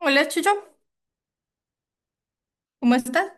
Hola, Chucho, ¿cómo estás?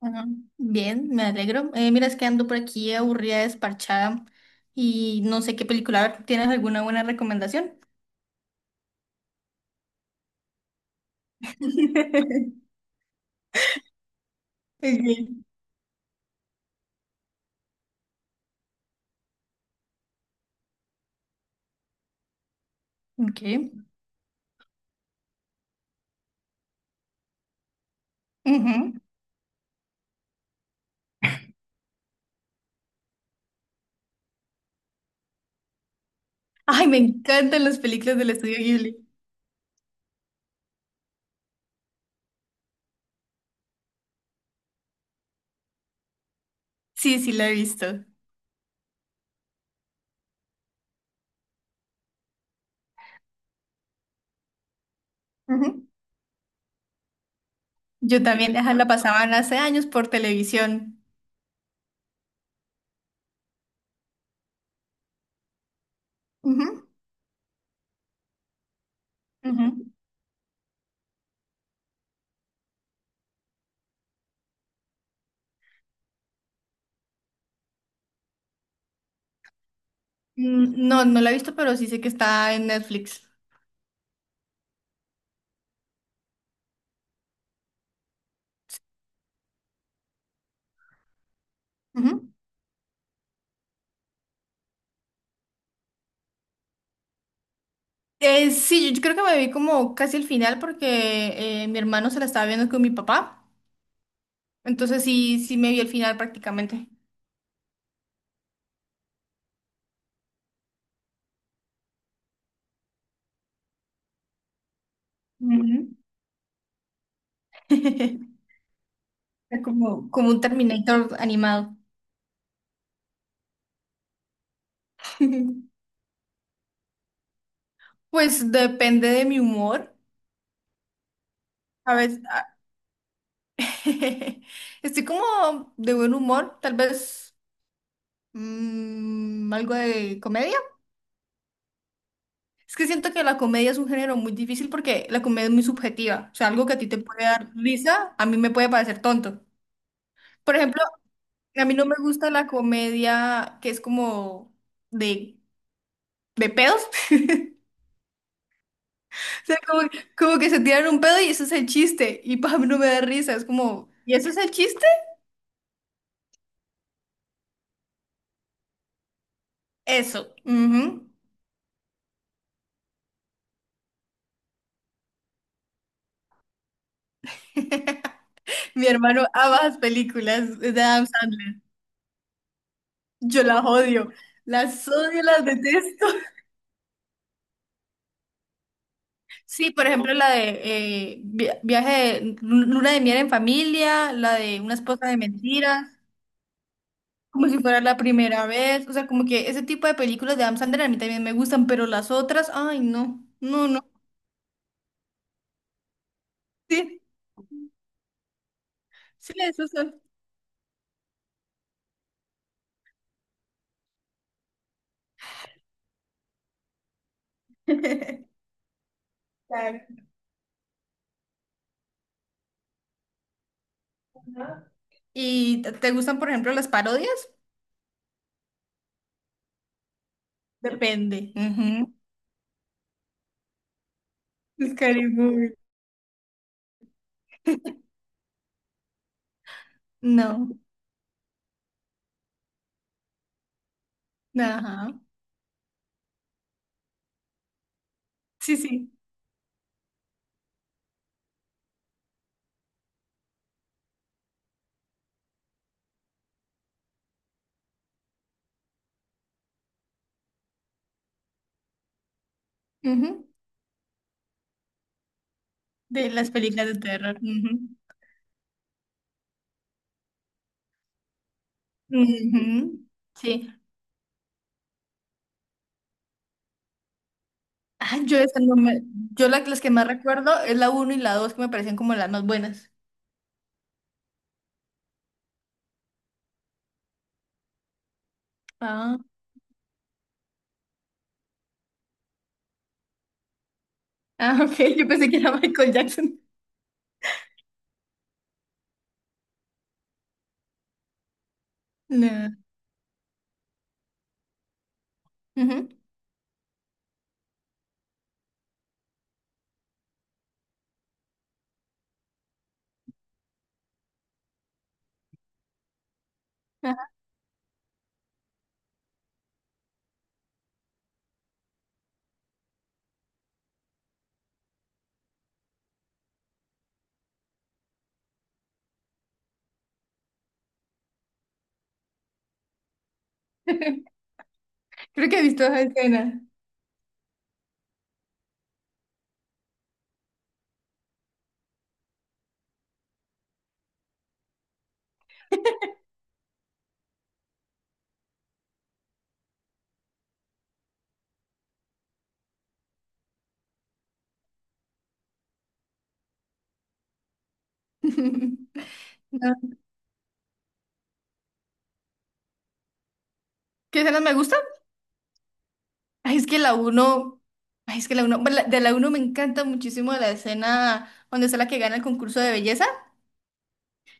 Ah, bien, me alegro. Mira, es que ando por aquí aburrida, desparchada y no sé qué película ver. ¿Tienes alguna buena recomendación? Ok. Ok. Ujú. Ay, me encantan las películas del estudio Ghibli. Sí, sí, la he visto. Ujú. Yo también, ajá, la pasaban hace años por televisión. Ujú, ujú. No, no la he visto, pero sí sé que está en Netflix. Sí, yo creo que me vi como casi el final porque mi hermano se la estaba viendo con mi papá. Entonces sí, sí me vi el final prácticamente. Ujú. Era como un Terminator animado. Pues depende de mi humor. A veces estoy como de buen humor, tal vez algo de comedia. Es que siento que la comedia es un género muy difícil porque la comedia es muy subjetiva. O sea, algo que a ti te puede dar risa, a mí me puede parecer tonto. Por ejemplo, a mí no me gusta la comedia que es como de, de pedos. O sea, como que se tiran un pedo y eso es el chiste. Y para mí no me da risa. Es como, ¿y eso es el chiste? Eso, ujú. Mi hermano ama las películas de Adam Sandler. Yo las odio. Las odio, las detesto. Sí, por ejemplo, la de viaje, de luna de miel en familia, la de una esposa de mentiras. Como si fuera la primera vez. O sea, como que ese tipo de películas de Adam Sandler a mí también me gustan, pero las otras, ay, no, no, no. Sí, sí, esas son. Claro. Ajá. ¿Y te gustan, por ejemplo, las parodias? Depende. Ujú. Scary Movie. No, ajá. Sí, sí. Ujú. De las películas de terror. Ujú. Ujú. Sí. Ah, yo esa no me- las que más recuerdo es la uno y la 2 que me parecen como las más buenas. Ah. Ah, ok, yo pensé que era Michael Jackson. No. Ujú. Ajá. Creo que he visto esa escena. No. ¿Qué escenas me gustan? Ay, es que la uno, ay, es que la uno, bueno, de la uno me encanta muchísimo la escena donde es la que gana el concurso de belleza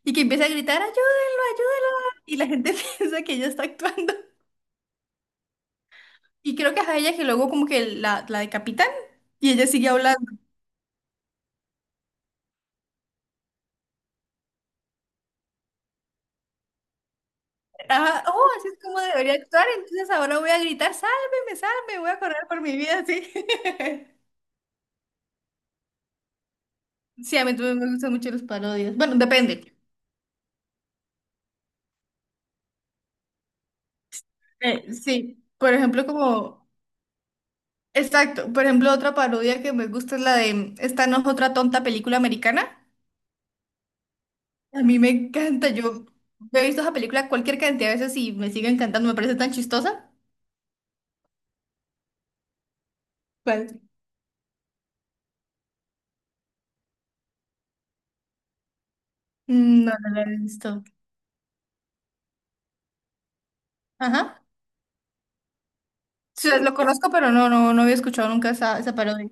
y que empieza a gritar, ayúdenlo, ayúdenlo. Y la gente piensa que ella está actuando. Y creo que es a ella que luego como que la decapitan y ella sigue hablando. Ajá, oh, así es como debería actuar, entonces ahora voy a gritar, sálveme, sálveme, voy a correr por mi vida, sí. Sí, a mí también me gustan mucho las parodias. Bueno, depende. Sí, por ejemplo, como. Exacto. Por ejemplo, otra parodia que me gusta es la de Esta no es otra tonta película americana. A mí me encanta. Yo he visto esa película cualquier cantidad de veces y me sigue encantando. Me parece tan chistosa. ¿Cuál? No, no la he visto. Ajá. Sí, lo conozco, pero no, no, no había escuchado nunca esa, esa parodia.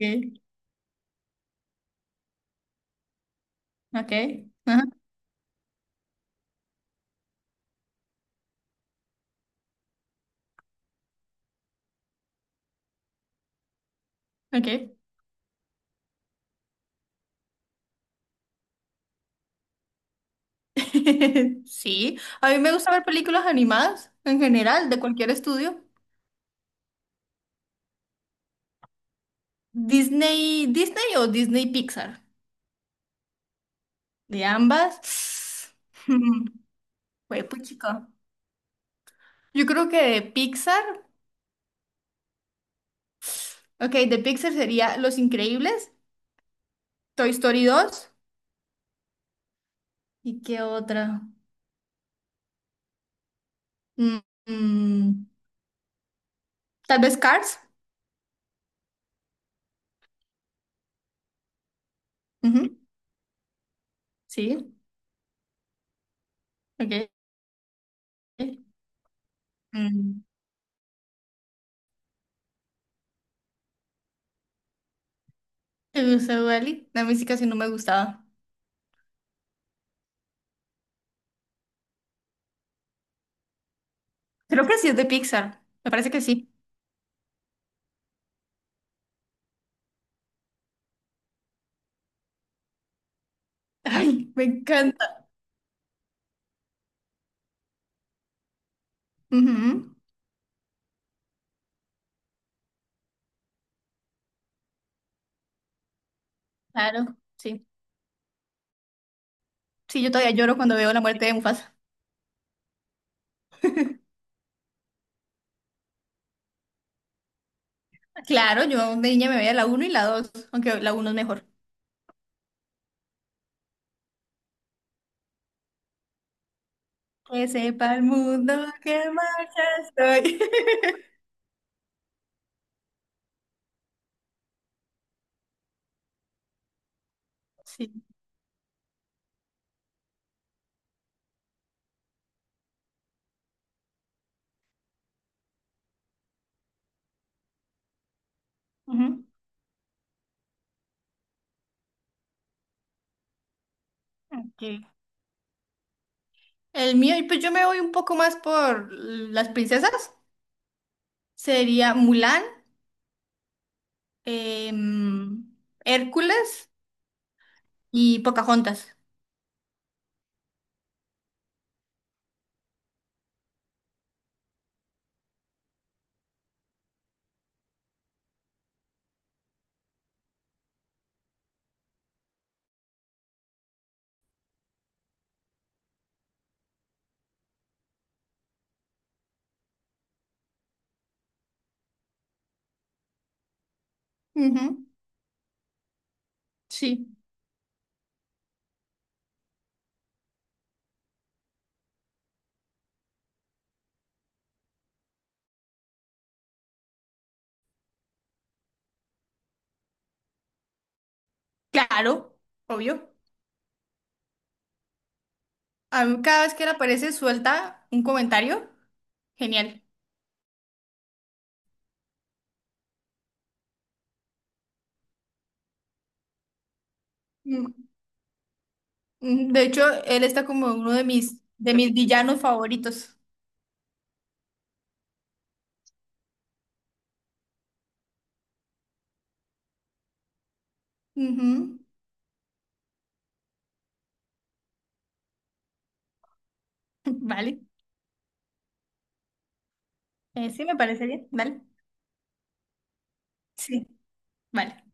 Okay. Ok. Ajá. Okay. Sí. A mí me gusta ver películas animadas en general, de cualquier estudio. Disney, Disney o Disney Pixar, de ambas. Fue chico. Yo creo que de Pixar, ok, de Pixar sería Los Increíbles, Toy Story dos y qué otra. Mm, mm, tal vez Cars. Ujú, sí, ok. Mm, ¿Te gusta Wall-E? La música sí no me gustaba. Creo que sí es de Pixar. Me parece que sí. Ay, me encanta. Ujú, claro, sí. Sí, yo todavía lloro cuando veo la muerte de Mufasa. Claro, yo de niña me veía la uno y la dos, aunque la uno es mejor. Que sepa el mundo que en marcha estoy. Sí. Ujú. Ok. El mío, y pues yo me voy un poco más por las princesas. Sería Mulan, em, Hércules y Pocahontas. Ujú. Sí, claro, obvio. A mí cada vez que él aparece suelta un comentario, genial. Mm, De hecho, él está como uno de mis villanos favoritos. Ujú. Vale. Sí me parece bien, vale, sí, vale.